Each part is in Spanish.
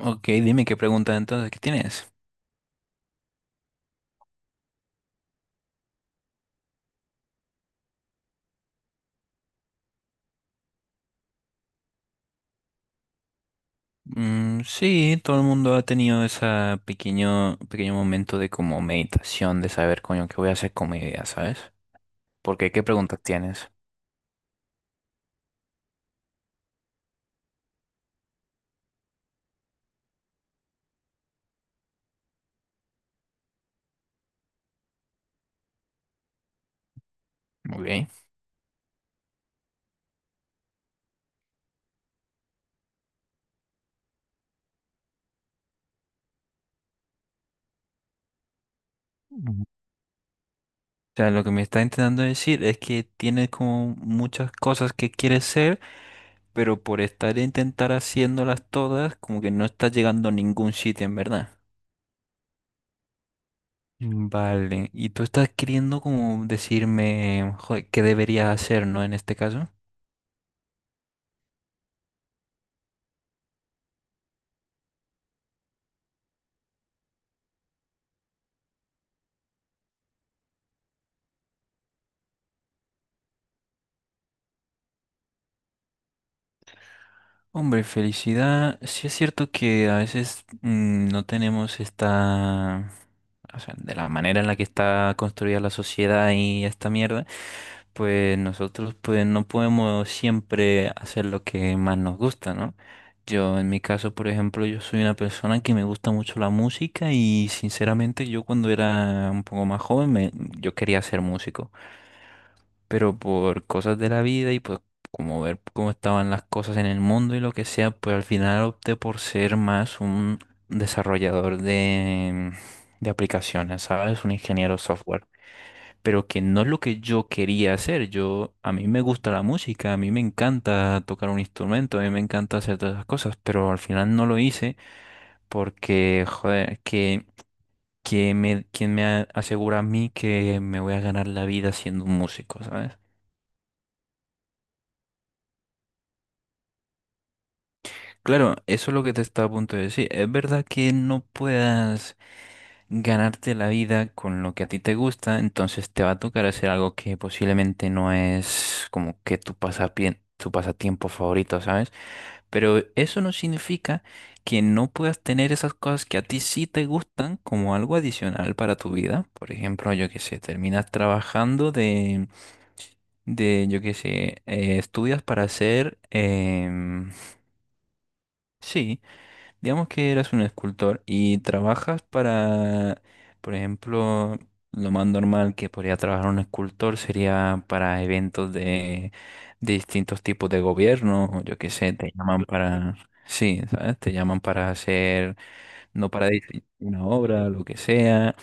Ok, dime qué pregunta entonces que tienes. Mm, sí, todo el mundo ha tenido ese pequeño, pequeño momento de como meditación, de saber, coño, qué voy a hacer con mi vida, ¿sabes? Porque, ¿qué preguntas tienes? Ok. Ujú. O sea, lo que me está intentando decir es que tienes como muchas cosas que quieres ser, pero por estar a intentar haciéndolas todas, como que no estás llegando a ningún sitio, en verdad. Vale, y tú estás queriendo como decirme, joder, qué debería hacer, ¿no? En este caso. Hombre, felicidad. Sí es cierto que a veces no tenemos esta, o sea, de la manera en la que está construida la sociedad y esta mierda, pues nosotros pues no podemos siempre hacer lo que más nos gusta, ¿no? Yo en mi caso, por ejemplo, yo soy una persona que me gusta mucho la música y sinceramente yo cuando era un poco más joven yo quería ser músico, pero por cosas de la vida y pues como ver cómo estaban las cosas en el mundo y lo que sea, pues al final opté por ser más un desarrollador de aplicaciones, ¿sabes? Un ingeniero software, pero que no es lo que yo quería hacer. Yo, a mí me gusta la música, a mí me encanta tocar un instrumento, a mí me encanta hacer todas esas cosas, pero al final no lo hice porque, joder, quien me asegura a mí que me voy a ganar la vida siendo un músico, ¿sabes? Claro, eso es lo que te estaba a punto de decir. Es verdad que no puedas ganarte la vida con lo que a ti te gusta, entonces te va a tocar hacer algo que posiblemente no es como que tu tu pasatiempo favorito, ¿sabes? Pero eso no significa que no puedas tener esas cosas que a ti sí te gustan como algo adicional para tu vida. Por ejemplo, yo qué sé, terminas trabajando de yo qué sé, estudias para ser, sí. Digamos que eres un escultor y trabajas para, por ejemplo, lo más normal que podría trabajar un escultor sería para eventos de distintos tipos de gobierno, o yo qué sé, te llaman para, sí, ¿sabes? Te llaman para hacer, no para diseñar una obra, lo que sea,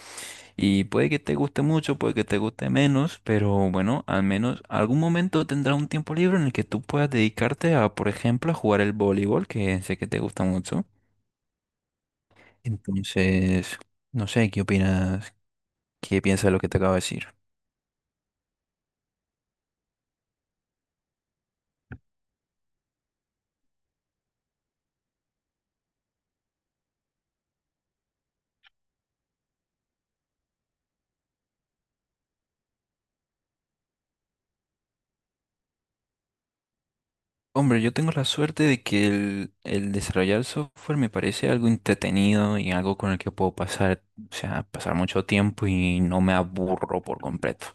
y puede que te guste mucho, puede que te guste menos, pero bueno, al menos algún momento tendrás un tiempo libre en el que tú puedas dedicarte a, por ejemplo, a jugar el voleibol, que sé que te gusta mucho. Entonces, no sé, ¿qué opinas? ¿Qué piensas de lo que te acabo de decir? Hombre, yo tengo la suerte de que el desarrollar software me parece algo entretenido y algo con el que puedo pasar, o sea, pasar mucho tiempo y no me aburro por completo.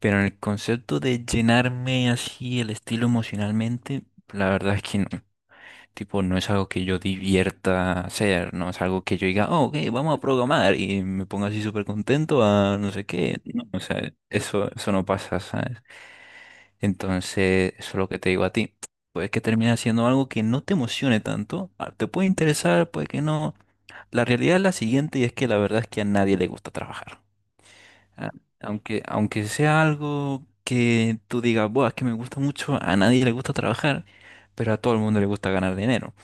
Pero en el concepto de llenarme así el estilo emocionalmente, la verdad es que no. Tipo, no es algo que yo divierta hacer, no es algo que yo diga, oh, ok, vamos a programar y me ponga así súper contento a no sé qué. No, o sea, eso no pasa, ¿sabes? Entonces, eso es lo que te digo a ti. Puede que termine haciendo algo que no te emocione tanto, ah, te puede interesar, puede que no. La realidad es la siguiente y es que la verdad es que a nadie le gusta trabajar. Ah, aunque sea algo que tú digas, buah, es que me gusta mucho, a nadie le gusta trabajar, pero a todo el mundo le gusta ganar dinero.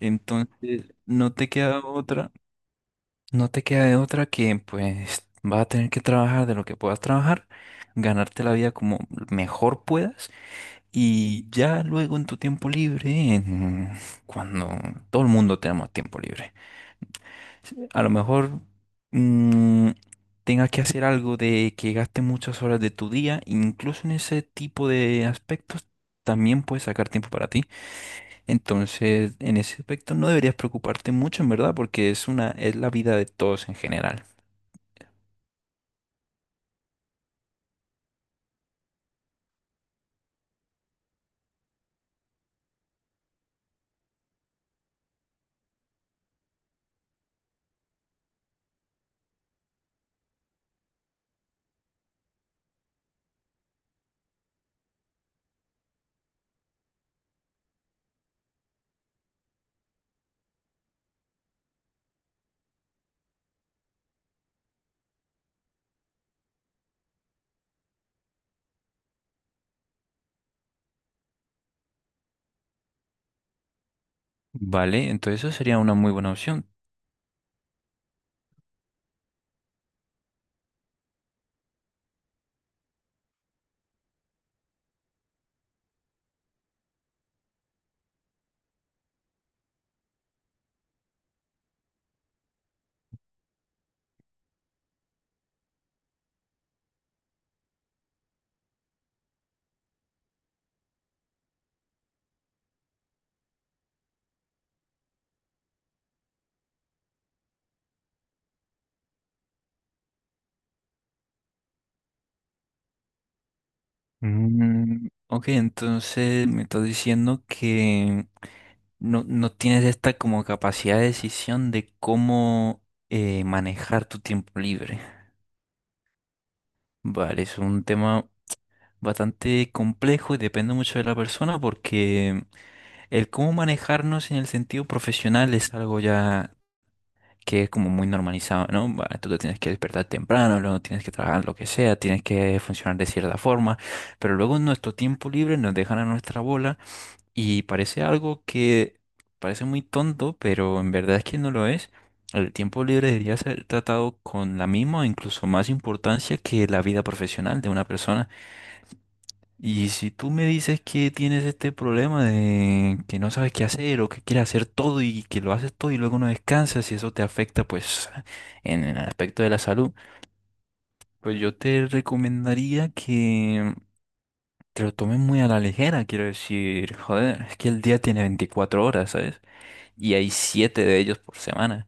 Entonces, no te queda otra, no te queda de otra que pues vas a tener que trabajar de lo que puedas trabajar, ganarte la vida como mejor puedas y ya luego en tu tiempo libre, cuando todo el mundo tenemos tiempo libre, a lo mejor mm, tengas que hacer algo de que gaste muchas horas de tu día, incluso en ese tipo de aspectos también puedes sacar tiempo para ti. Entonces, en ese aspecto no deberías preocuparte mucho, en verdad, porque es la vida de todos en general. Vale, entonces eso sería una muy buena opción. Mm, ok, entonces me estás diciendo que no, no tienes esta como capacidad de decisión de cómo manejar tu tiempo libre. Vale, es un tema bastante complejo y depende mucho de la persona porque el cómo manejarnos en el sentido profesional es algo ya que es como muy normalizado, ¿no? Bueno, tú te tienes que despertar temprano, luego tienes que trabajar lo que sea, tienes que funcionar de cierta forma, pero luego en nuestro tiempo libre nos dejan a nuestra bola y parece algo que parece muy tonto, pero en verdad es que no lo es. El tiempo libre debería ser tratado con la misma o incluso más importancia que la vida profesional de una persona. Y si tú me dices que tienes este problema de que no sabes qué hacer o que quieres hacer todo y que lo haces todo y luego no descansas y eso te afecta pues en el aspecto de la salud, pues yo te recomendaría que te lo tomes muy a la ligera, quiero decir, joder, es que el día tiene 24 horas, ¿sabes? Y hay 7 de ellos por semana.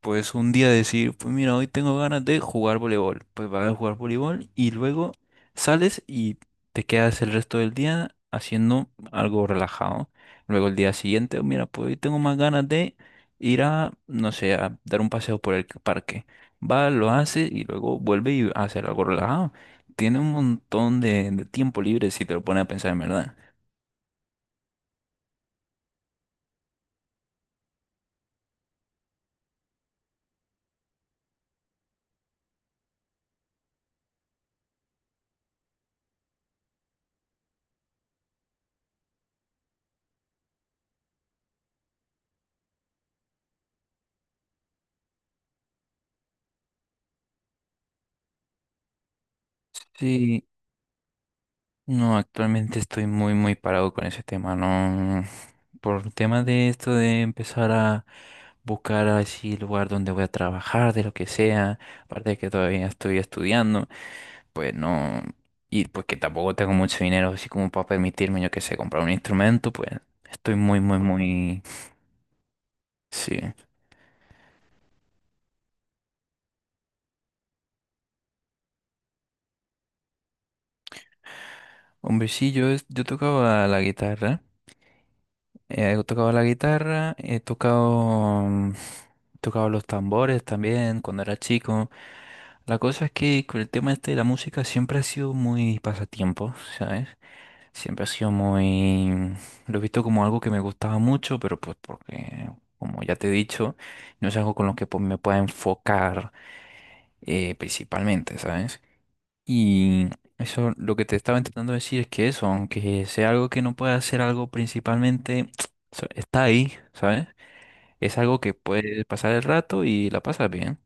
Pues un día decir, pues mira, hoy tengo ganas de jugar voleibol. Pues vas a jugar voleibol y luego sales y te quedas el resto del día haciendo algo relajado. Luego el día siguiente, mira, pues hoy tengo más ganas de ir a, no sé, a dar un paseo por el parque. Va, lo hace y luego vuelve y hace algo relajado. Tiene un montón de tiempo libre si te lo pones a pensar en verdad. Sí, no, actualmente estoy muy, muy parado con ese tema. No, no, no. Por tema de esto de empezar a buscar así el lugar donde voy a trabajar, de lo que sea, aparte de que todavía estoy estudiando, pues no, y pues que tampoco tengo mucho dinero así como para permitirme, yo que sé, comprar un instrumento, pues estoy muy, muy, muy, sí. Hombre, sí, yo tocaba la guitarra, he tocado la guitarra, he tocado los tambores también cuando era chico. La cosa es que con el tema este de la música siempre ha sido muy pasatiempo, ¿sabes? Siempre ha sido muy. Lo he visto como algo que me gustaba mucho, pero pues porque, como ya te he dicho, no es algo con lo que pues, me pueda enfocar principalmente, ¿sabes? Y eso, lo que te estaba intentando decir es que eso, aunque sea algo que no pueda ser algo principalmente, está ahí, ¿sabes? Es algo que puede pasar el rato y la pasas bien.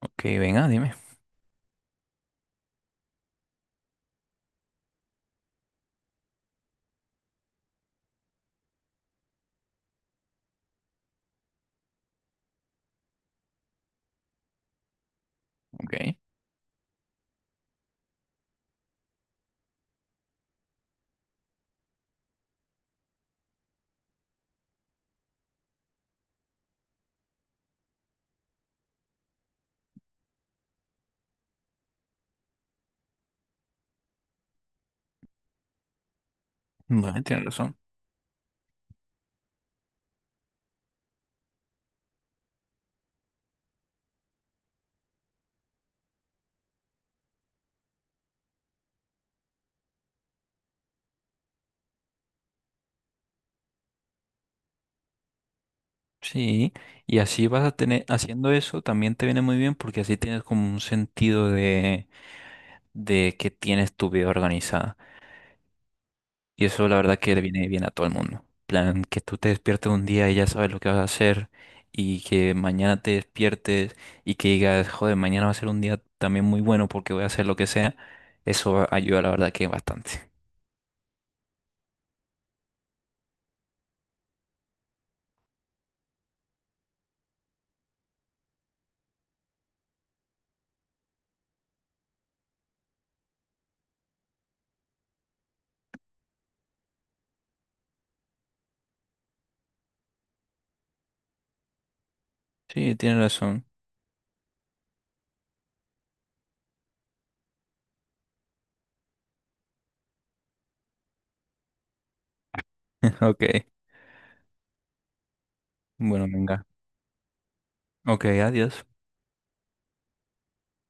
Ok, venga, dime. Ok. Bueno, tienes razón. Sí, y así vas a tener, haciendo eso también te viene muy bien porque así tienes como un sentido de que tienes tu vida organizada. Y eso la verdad que le viene bien a todo el mundo. Plan, que tú te despiertes un día y ya sabes lo que vas a hacer y que mañana te despiertes y que digas, joder, mañana va a ser un día también muy bueno porque voy a hacer lo que sea. Eso ayuda la verdad que bastante. Sí, tienes razón. Ok, bueno, venga. Ok, adiós.